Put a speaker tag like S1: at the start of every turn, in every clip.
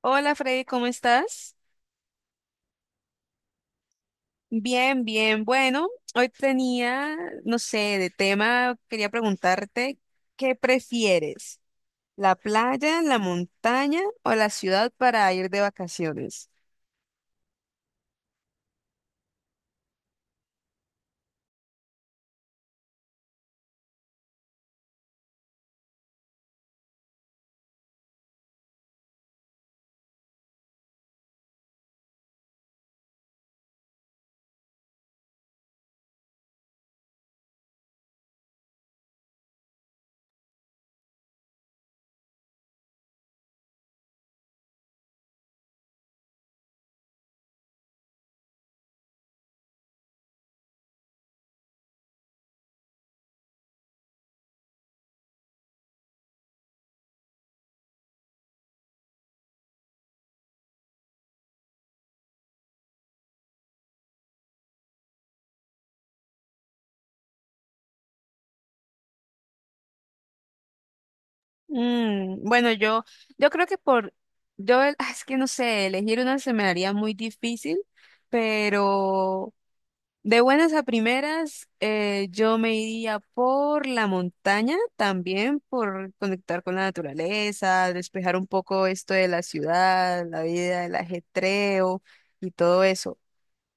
S1: Hola Freddy, ¿cómo estás? Bien, bien. Bueno, hoy tenía, no sé, de tema, quería preguntarte, ¿qué prefieres? ¿La playa, la montaña o la ciudad para ir de vacaciones? Mm, bueno, yo creo que es que no sé, elegir una se me haría muy difícil, pero de buenas a primeras, yo me iría por la montaña también, por conectar con la naturaleza, despejar un poco esto de la ciudad, la vida, el ajetreo y todo eso.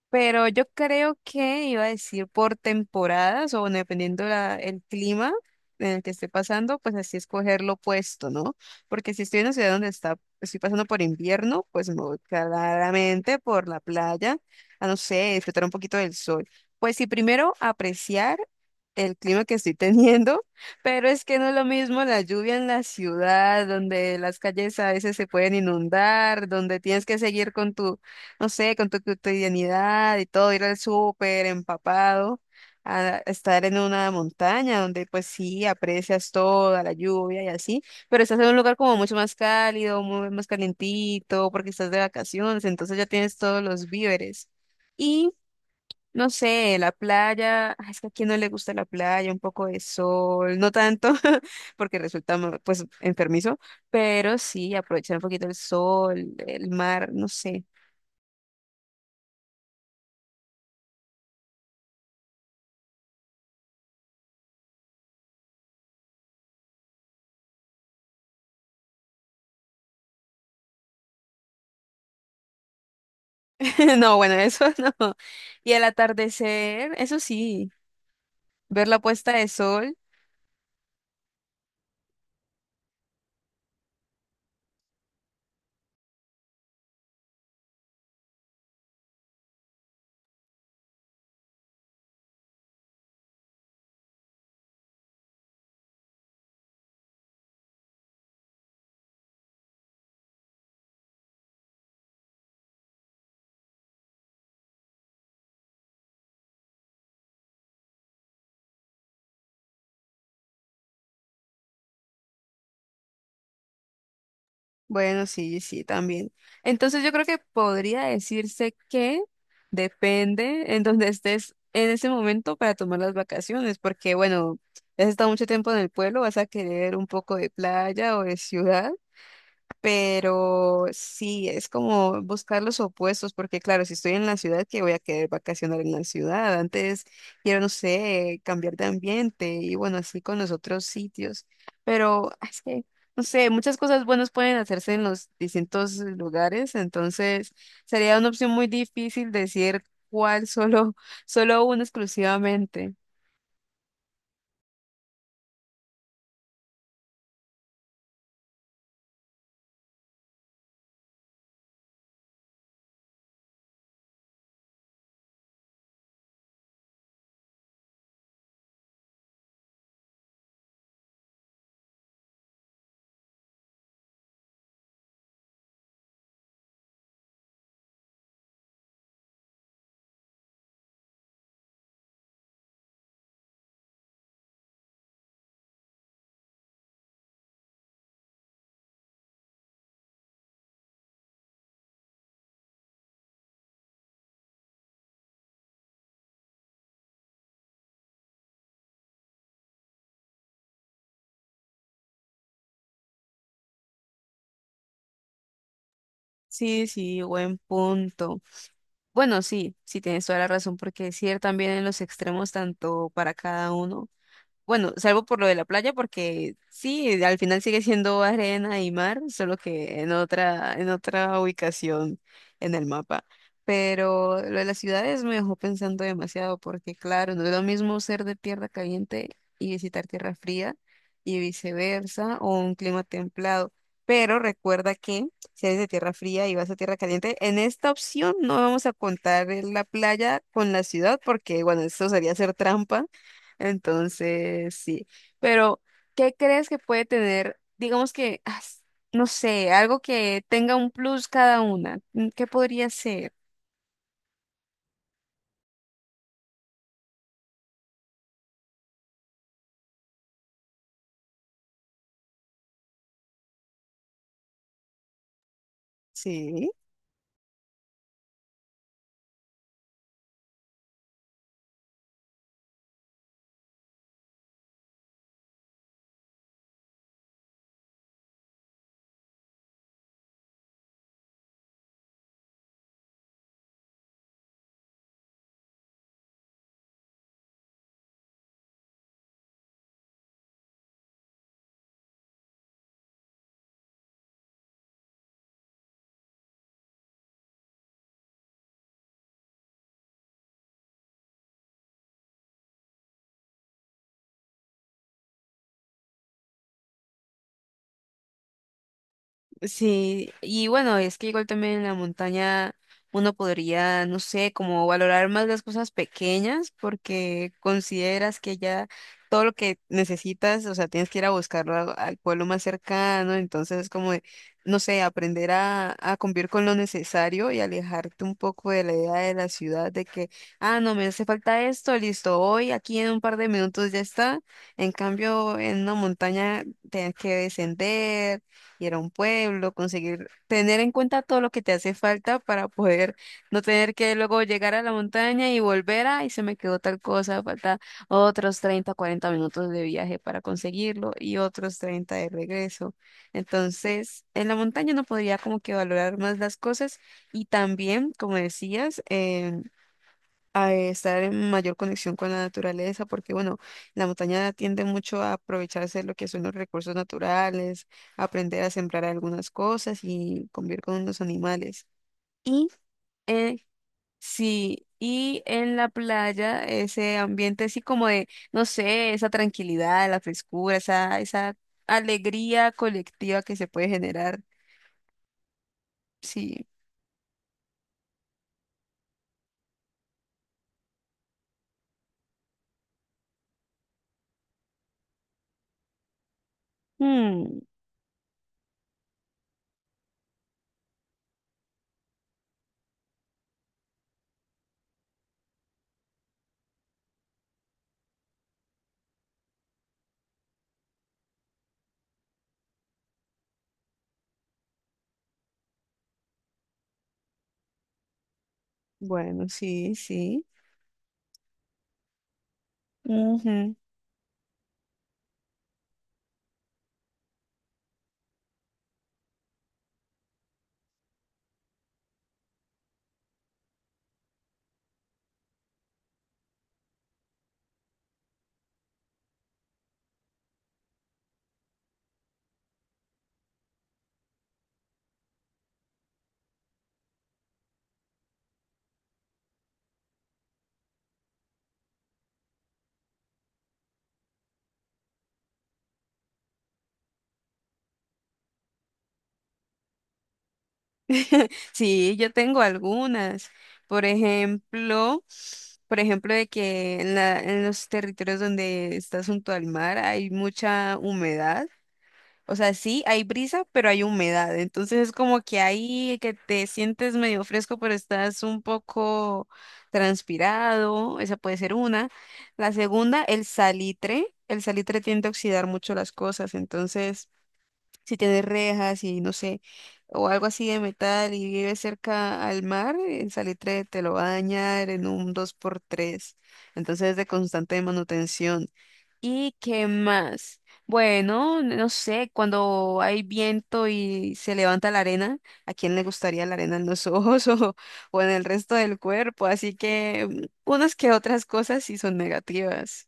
S1: Pero yo creo que iba a decir por temporadas o bueno, dependiendo el clima en el que esté pasando, pues así escoger lo opuesto, ¿no? Porque si estoy en una ciudad donde estoy pasando por invierno, pues me voy claramente por la playa, a no sé, disfrutar un poquito del sol. Pues sí, primero apreciar el clima que estoy teniendo, pero es que no es lo mismo la lluvia en la ciudad, donde las calles a veces se pueden inundar, donde tienes que seguir con tu no sé, con tu cotidianidad y todo, ir al súper empapado, a estar en una montaña donde pues sí aprecias toda la lluvia y así, pero estás en un lugar como mucho más cálido, muy más calientito, porque estás de vacaciones, entonces ya tienes todos los víveres. Y no sé, la playa, ay, es que a quién no le gusta la playa, un poco de sol, no tanto, porque resulta pues enfermizo, pero sí aprovechar un poquito el sol, el mar, no sé. No, bueno, eso no. Y el atardecer, eso sí, ver la puesta de sol, bueno, sí, sí, también. Entonces yo creo que podría decirse que depende en donde estés en ese momento para tomar las vacaciones, porque bueno, has estado mucho tiempo en el pueblo, vas a querer un poco de playa o de ciudad. Pero sí, es como buscar los opuestos, porque claro, si estoy en la ciudad, ¿que voy a querer vacacionar en la ciudad? Antes quiero, no sé, cambiar de ambiente y bueno, así con los otros sitios. Pero es que, no sé, muchas cosas buenas pueden hacerse en los distintos lugares, entonces sería una opción muy difícil decir cuál, solo uno exclusivamente. Sí, sí, buen punto. Bueno, sí, sí tienes toda la razón, porque es ir también en los extremos, tanto para cada uno. Bueno, salvo por lo de la playa, porque sí, al final sigue siendo arena y mar, solo que en otra ubicación en el mapa. Pero lo de las ciudades me dejó pensando demasiado, porque claro, no es lo mismo ser de tierra caliente y visitar tierra fría y viceversa, o un clima templado. Pero recuerda que si eres de tierra fría y vas a tierra caliente, en esta opción no vamos a contar la playa con la ciudad, porque bueno, eso sería hacer trampa entonces, sí. Pero, ¿qué crees que puede tener, digamos que, no sé, algo que tenga un plus cada una? Mm, ¿qué podría ser? Sí. Sí, y bueno, es que igual también en la montaña uno podría, no sé, como valorar más las cosas pequeñas porque consideras que ya todo lo que necesitas, o sea, tienes que ir a buscarlo al pueblo más cercano, entonces es como, de, no sé, aprender a convivir con lo necesario y alejarte un poco de la idea de la ciudad de que, ah, no, me hace falta esto, listo, hoy aquí en un par de minutos ya está. En cambio, en una montaña tienes que descender, ir a un pueblo, conseguir, tener en cuenta todo lo que te hace falta para poder no tener que luego llegar a la montaña y y se me quedó tal cosa, falta otros 30 40 minutos de viaje para conseguirlo y otros 30 de regreso. Entonces, en la montaña no podría como que valorar más las cosas y también, como decías, a estar en mayor conexión con la naturaleza, porque bueno, la montaña tiende mucho a aprovecharse de lo que son los recursos naturales, aprender a sembrar algunas cosas y convivir con los animales. Y eh, sí, y en la playa ese ambiente así como de, no sé, esa tranquilidad, la frescura, esa alegría colectiva que se puede generar. Sí. Mm, bueno, sí, sí. Sí, yo tengo algunas. Por ejemplo, por ejemplo, de que en los territorios donde estás junto al mar hay mucha humedad. O sea, sí, hay brisa, pero hay humedad. Entonces es como que ahí que te sientes medio fresco, pero estás un poco transpirado. Esa puede ser una. La segunda, el salitre. El salitre tiende a oxidar mucho las cosas, entonces si tiene rejas y no sé, o algo así de metal y vive cerca al mar, el salitre te lo va a dañar en un dos por tres. Entonces es de constante manutención. ¿Y qué más? Bueno, no sé, cuando hay viento y se levanta la arena, ¿a quién le gustaría la arena en los ojos o en el resto del cuerpo? Así que mm, unas que otras cosas sí son negativas.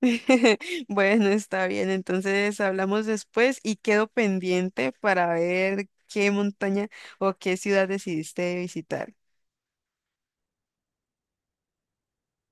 S1: Bueno, está bien. Entonces hablamos después y quedo pendiente para ver qué montaña o qué ciudad decidiste visitar.